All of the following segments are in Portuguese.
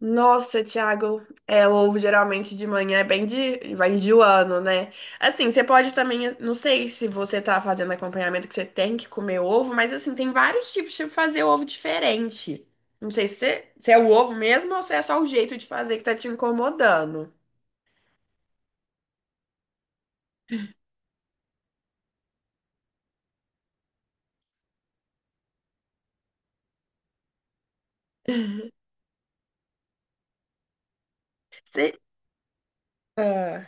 Nossa, Thiago, o ovo geralmente de manhã é bem vai enjoando, né? Assim, você pode também, não sei se você tá fazendo acompanhamento que você tem que comer ovo, mas assim, tem vários tipos de fazer ovo diferente. Não sei se se é o ovo mesmo ou se é só o jeito de fazer que tá te incomodando. Você, ah,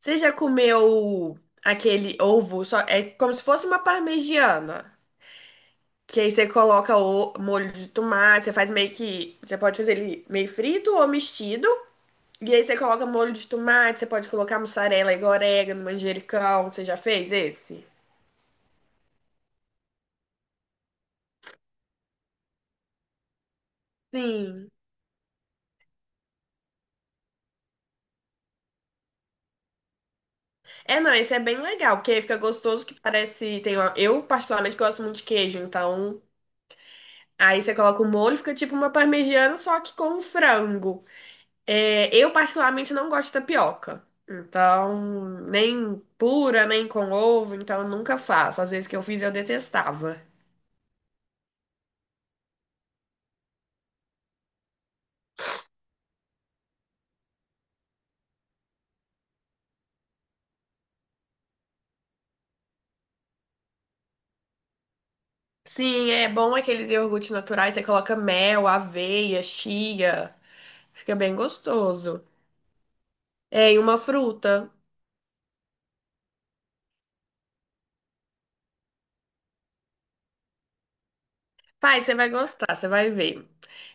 você já comeu aquele ovo, só, é como se fosse uma parmegiana? Que aí você coloca o molho de tomate, você faz meio que. Você pode fazer ele meio frito ou mexido. E aí você coloca molho de tomate, você pode colocar mussarela, e orégano, manjericão. Você já fez esse? Sim. É, não, esse é bem legal, porque aí fica gostoso que parece. Tem uma eu, particularmente, gosto muito de queijo, então. Aí você coloca o molho, fica tipo uma parmegiana, só que com frango. É, eu particularmente não gosto de tapioca. Então, nem pura, nem com ovo, então eu nunca faço. Às vezes que eu fiz eu detestava. Sim, é bom aqueles iogurtes naturais, você coloca mel, aveia, chia. Fica bem gostoso. É, e uma fruta. Pai, você vai gostar, você vai ver.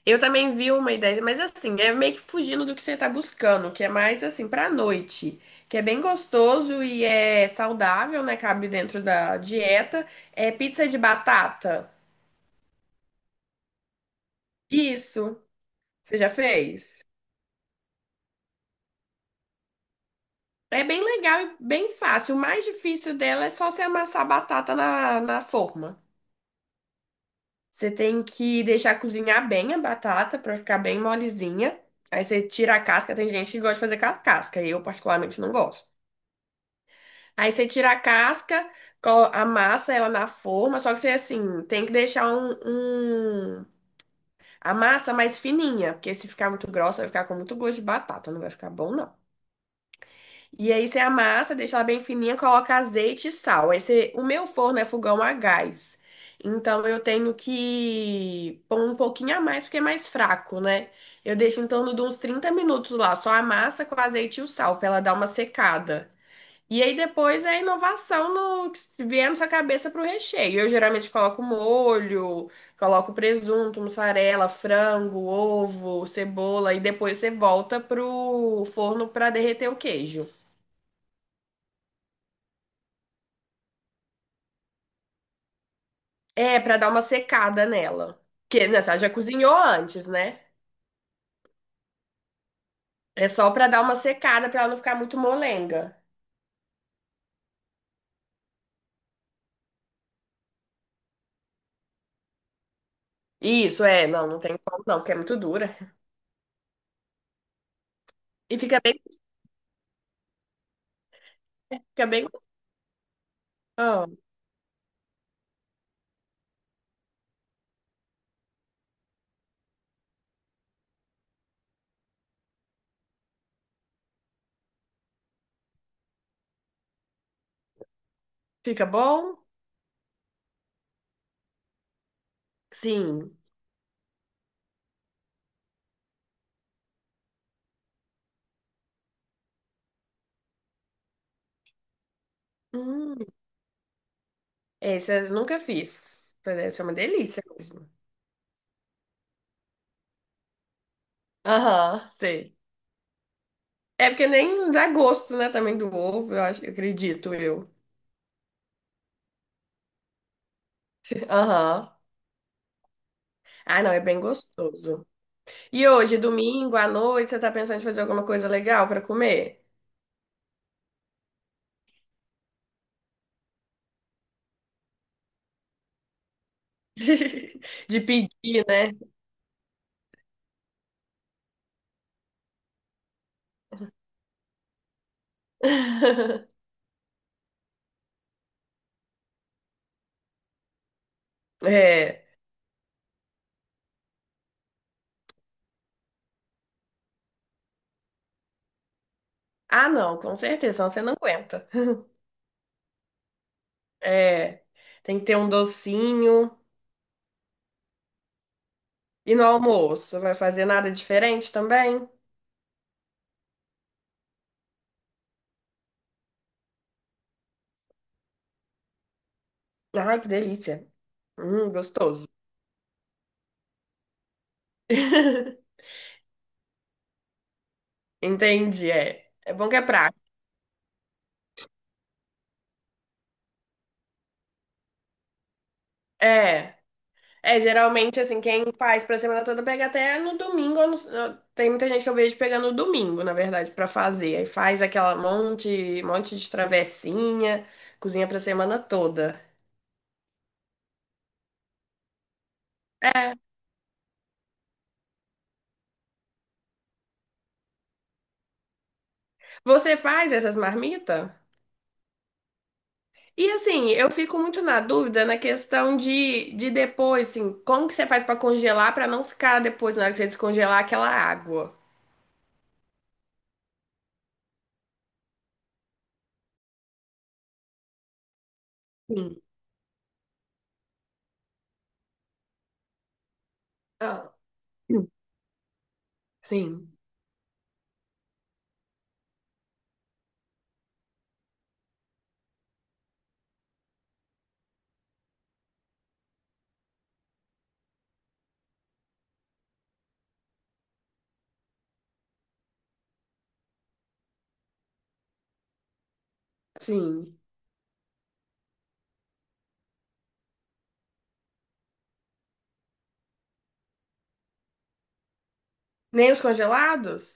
Eu também vi uma ideia, mas assim, é meio que fugindo do que você tá buscando, que é mais assim pra noite, que é bem gostoso e é saudável, né? Cabe dentro da dieta. É pizza de batata. Isso, você já fez? É bem legal e bem fácil. O mais difícil dela é só você amassar a batata na forma. Você tem que deixar cozinhar bem a batata pra ficar bem molezinha. Aí você tira a casca. Tem gente que gosta de fazer com a casca. Eu, particularmente, não gosto. Aí você tira a casca, amassa ela na forma. Só que você, assim, tem que deixar um- a massa mais fininha. Porque se ficar muito grossa, vai ficar com muito gosto de batata. Não vai ficar bom, não. E aí você amassa, deixa ela bem fininha, coloca azeite e sal. Aí você o meu forno é fogão a gás. Então eu tenho que pôr um pouquinho a mais, porque é mais fraco, né? Eu deixo em torno de uns 30 minutos lá, só a massa com azeite e o sal, pra ela dar uma secada. E aí depois é a inovação no que vier na sua cabeça pro recheio. Eu geralmente coloco molho, coloco presunto, mussarela, frango, ovo, cebola, e depois você volta pro forno pra derreter o queijo. É, pra dar uma secada nela. Porque né, ela já cozinhou antes, né? É só pra dar uma secada pra ela não ficar muito molenga. Isso, não, não tem como não, porque é muito dura. E fica bem, fica bem, ah, fica bom? Sim. Hum, esse eu nunca fiz. Mas deve ser uma delícia mesmo. Aham, sei. É porque nem dá gosto, né, também do ovo, eu acho, eu acredito eu. Aham. Ah, não, é bem gostoso. E hoje, domingo à noite, você tá pensando em fazer alguma coisa legal pra comer? De pedir, né? É. Ah, não, com certeza, senão você não aguenta. É. Tem que ter um docinho. E no almoço, vai fazer nada diferente também? Ai, que delícia. Gostoso. Entendi, é. É bom que é prático. É. É, geralmente, assim, quem faz pra semana toda pega até no domingo. Ou no- Tem muita gente que eu vejo pegando no domingo, na verdade, pra fazer. Aí faz aquela monte de travessinha, cozinha pra semana toda. É. Você faz essas marmitas? E assim, eu fico muito na dúvida na questão de depois, assim, como que você faz pra congelar pra não ficar depois, na hora que você descongelar, aquela água? Sim. Ah, sim, sim. Nem os congelados?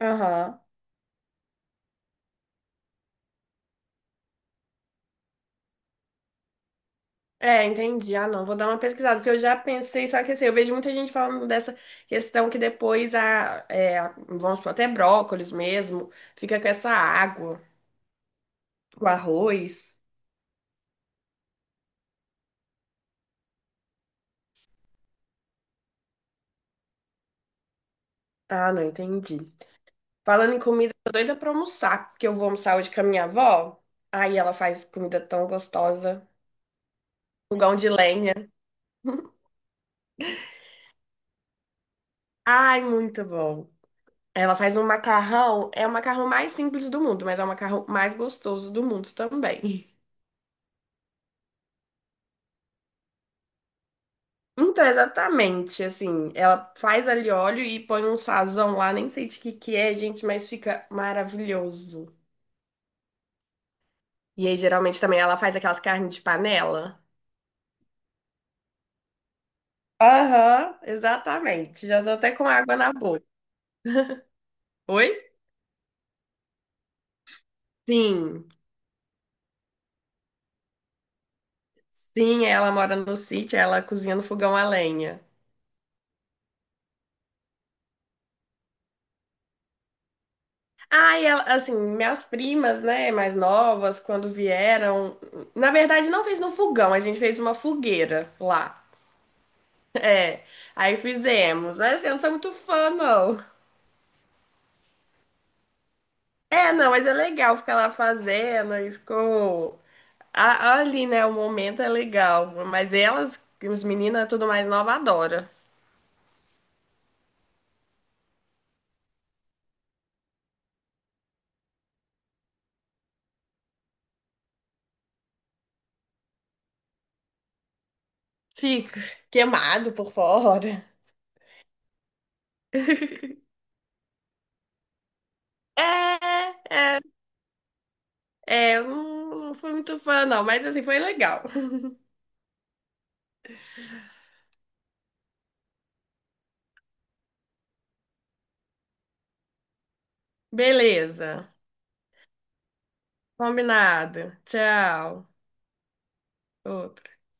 Aham. É, entendi. Ah, não, vou dar uma pesquisada, porque eu já pensei, só que assim, eu vejo muita gente falando dessa questão que depois vamos supor, até brócolis mesmo, fica com essa água, o arroz. Ah, não, entendi. Falando em comida, eu tô doida pra almoçar, porque eu vou almoçar hoje com a minha avó, aí ela faz comida tão gostosa, fogão de lenha. Ai, muito bom. Ela faz um macarrão, é o macarrão mais simples do mundo, mas é o macarrão mais gostoso do mundo também. Então, exatamente, assim, ela faz ali óleo e põe um sazão lá, nem sei de que é, gente, mas fica maravilhoso. E aí, geralmente, também ela faz aquelas carnes de panela. Aham, exatamente. Já tô até com água na boca. Oi? Sim, sim, ela mora no sítio, ela cozinha no fogão a lenha. Ah, e ela, assim, minhas primas, né, mais novas, quando vieram, na verdade, não fez no fogão, a gente fez uma fogueira lá. É, aí fizemos. Mas assim, eu não sou muito fã, não. É, não, mas é legal ficar lá fazendo e ficou. Ali, né? O momento é legal. Mas elas, as meninas, tudo mais nova, adora. Fica queimado por fora. É, é, é, eu não fui muito fã, não, mas assim, foi legal. Beleza, combinado. Tchau. Outro.